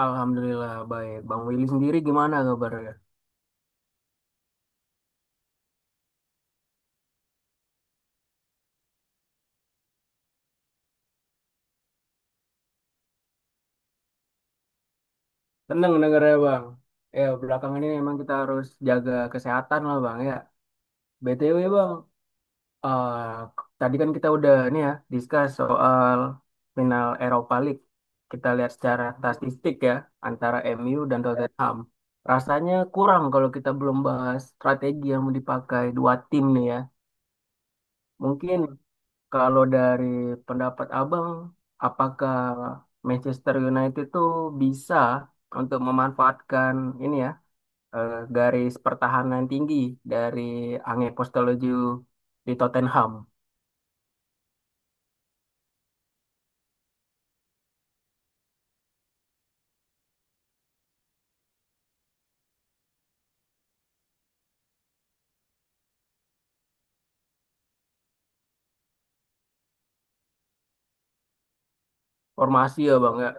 Alhamdulillah baik. Bang Willy sendiri gimana kabarnya? Tenang negaranya Bang. Ya belakangan ini emang kita harus jaga kesehatan lah Bang ya. BTW Bang, eh, tadi kan kita udah nih ya discuss soal final Europa League. Kita lihat secara statistik ya antara MU dan Tottenham. Rasanya kurang kalau kita belum bahas strategi yang mau dipakai dua tim nih ya. Mungkin kalau dari pendapat Abang, apakah Manchester United itu bisa untuk memanfaatkan ini ya garis pertahanan tinggi dari Ange Postecoglou di Tottenham? Formasi ya Bang ya?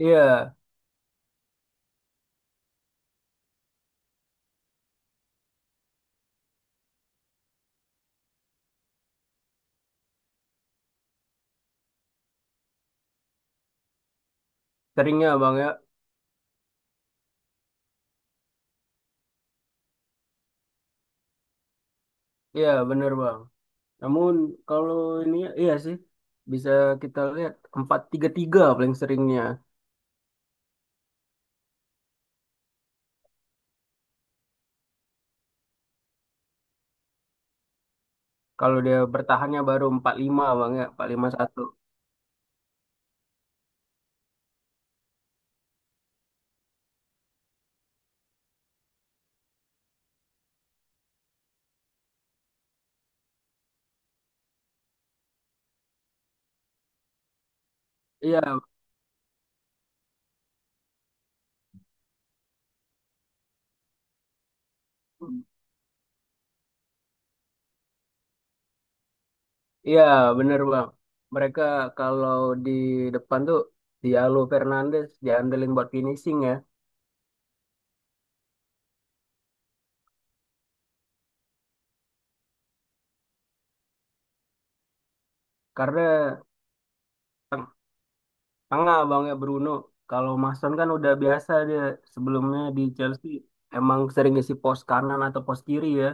Iya, seringnya Bang ya. Iya, bener Bang. Namun kalau ini iya sih bisa kita lihat 4-3-3 paling seringnya. Kalau dia bertahannya baru 4-5 Bang ya, 4-5-1. Iya. Iya, bener Bang. Mereka kalau di depan tuh Diallo Fernandes diandelin buat finishing ya. Karena tengah Bang ya Bruno. Kalau Mason kan udah biasa dia sebelumnya di Chelsea emang sering ngisi pos kanan atau pos kiri ya.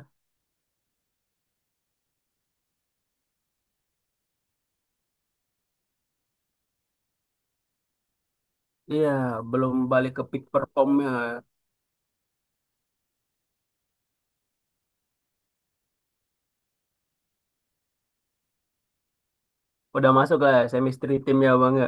Iya, belum balik ke peak performnya. Udah masuk lah semistri timnya Bang ya.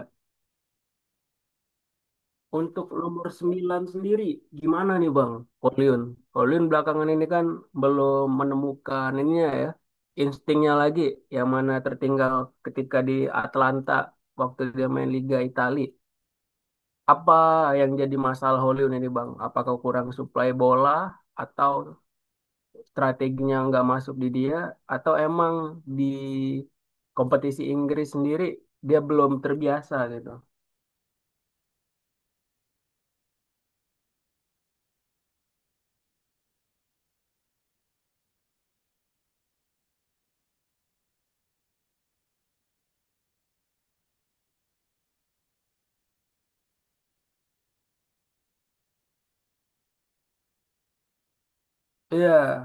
Untuk nomor 9 sendiri, gimana nih Bang Koliun? Koliun belakangan ini kan belum menemukan ininya ya, instingnya lagi, yang mana tertinggal ketika di Atlanta waktu dia main Liga Italia. Apa yang jadi masalah Koliun ini Bang? Apakah kurang suplai bola, atau strateginya nggak masuk di dia, atau emang di kompetisi Inggris sendiri dia belum terbiasa gitu? Iya,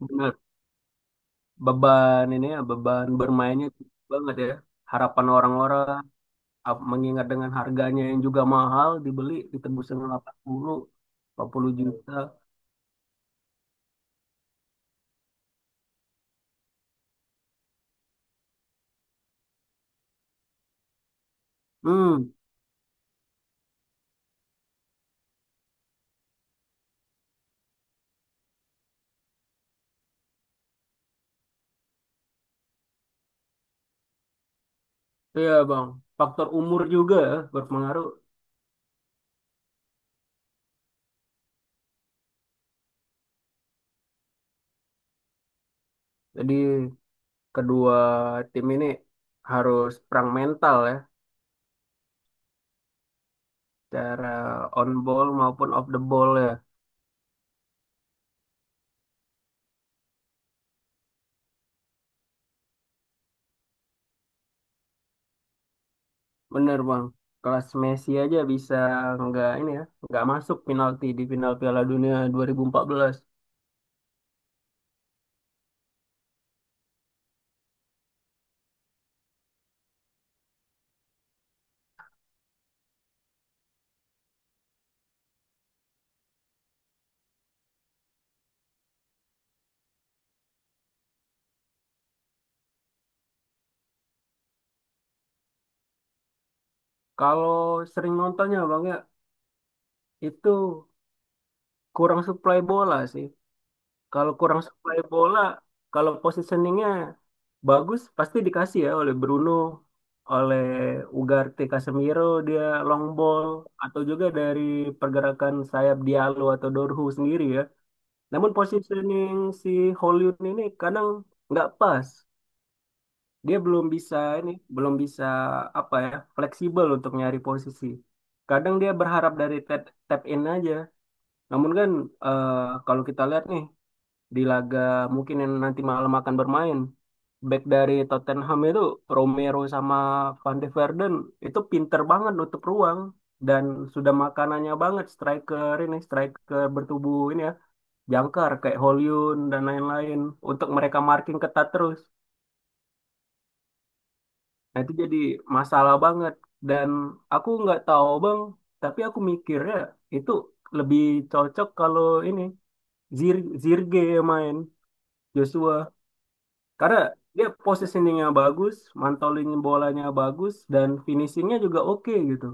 benar, beban ini ya, beban bermainnya tinggi banget ya, harapan orang-orang, mengingat dengan harganya yang juga mahal, dibeli ditembus dengan 80 40 juta. hmm iya bang, faktor umur juga ya, berpengaruh. Jadi kedua tim ini harus perang mental ya, cara on ball maupun off the ball ya. Bener bang, kelas Messi aja bisa nggak ini ya, nggak masuk penalti di final Piala Dunia 2014. Kalau sering nontonnya Bang ya, itu kurang supply bola sih. Kalau kurang supply bola, kalau positioningnya bagus pasti dikasih ya oleh Bruno, oleh Ugarte Casemiro, dia long ball atau juga dari pergerakan sayap Diallo atau Dorhu sendiri ya. Namun positioning si Hollywood ini kadang nggak pas. Dia belum bisa ini, belum bisa apa ya, fleksibel untuk nyari posisi. Kadang dia berharap dari tap in aja. Namun kan eh, kalau kita lihat nih di laga mungkin yang nanti malam akan bermain, back dari Tottenham itu Romero sama Van de Verden itu pinter banget nutup ruang, dan sudah makanannya banget striker ini, striker bertubuh ini ya, jangkar kayak Hollywood dan lain-lain, untuk mereka marking ketat terus. Nah, itu jadi masalah banget. Dan aku nggak tahu bang, tapi aku mikirnya itu lebih cocok kalau ini Zir Zirge yang main, Joshua. Karena dia positioningnya bagus, mantolin bolanya bagus, dan finishingnya juga oke gitu.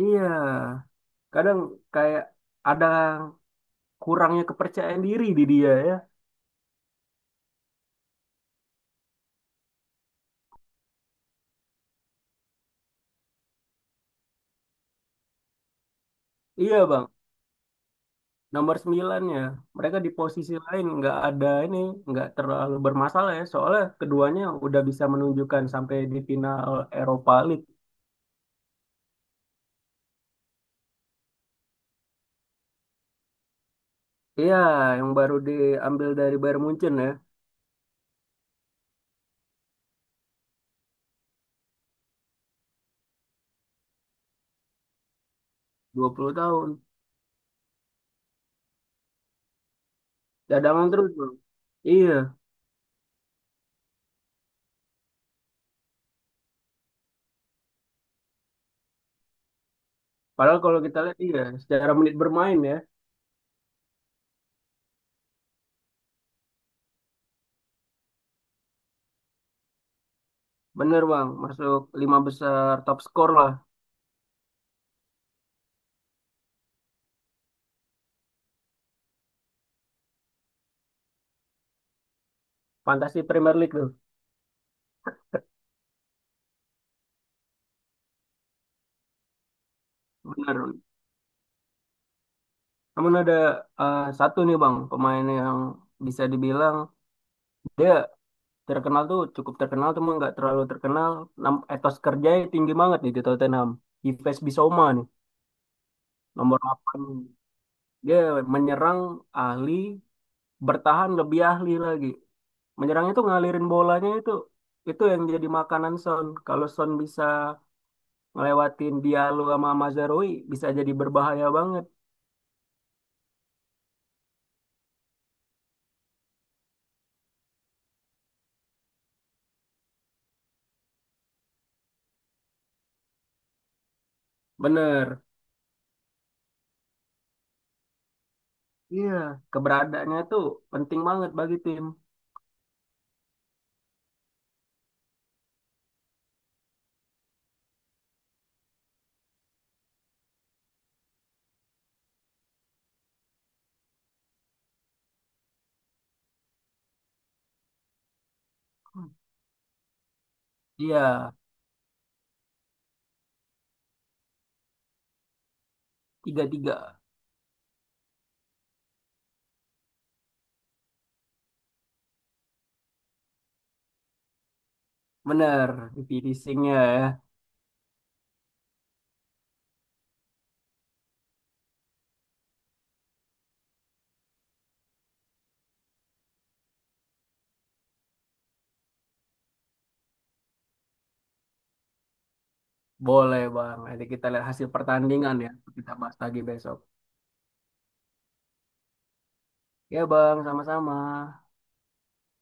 Iya, kadang kayak ada kurangnya kepercayaan diri di dia ya. Iya bang, nomor 9 ya. Mereka di posisi lain nggak ada ini, nggak terlalu bermasalah ya. Soalnya keduanya udah bisa menunjukkan sampai di final Eropa League. Iya, yang baru diambil dari Bayern Munchen ya, 20 tahun. Cadangan terus. Iya, padahal kalau kita lihat iya, secara menit bermain ya, bener Bang, masuk lima besar top skor lah. Fantasi Premier League tuh. Bener. Namun ada satu nih Bang, pemain yang bisa dibilang dia terkenal, tuh cukup terkenal cuma nggak terlalu terkenal. Etos kerjanya tinggi banget nih di Tottenham, Yves Bissouma nih, nomor delapan. Dia menyerang ahli, bertahan lebih ahli lagi. Menyerangnya tuh ngalirin bolanya, itu yang jadi makanan Son. Kalau Son bisa ngelewatin Diallo sama Mazraoui bisa jadi berbahaya banget. Bener. Iya, keberadaannya tuh penting banget bagi tim. Iya tiga tiga. Bener, finishingnya ya. Boleh Bang, nanti kita lihat hasil pertandingan ya. Kita bahas lagi besok. Ya Bang, sama-sama.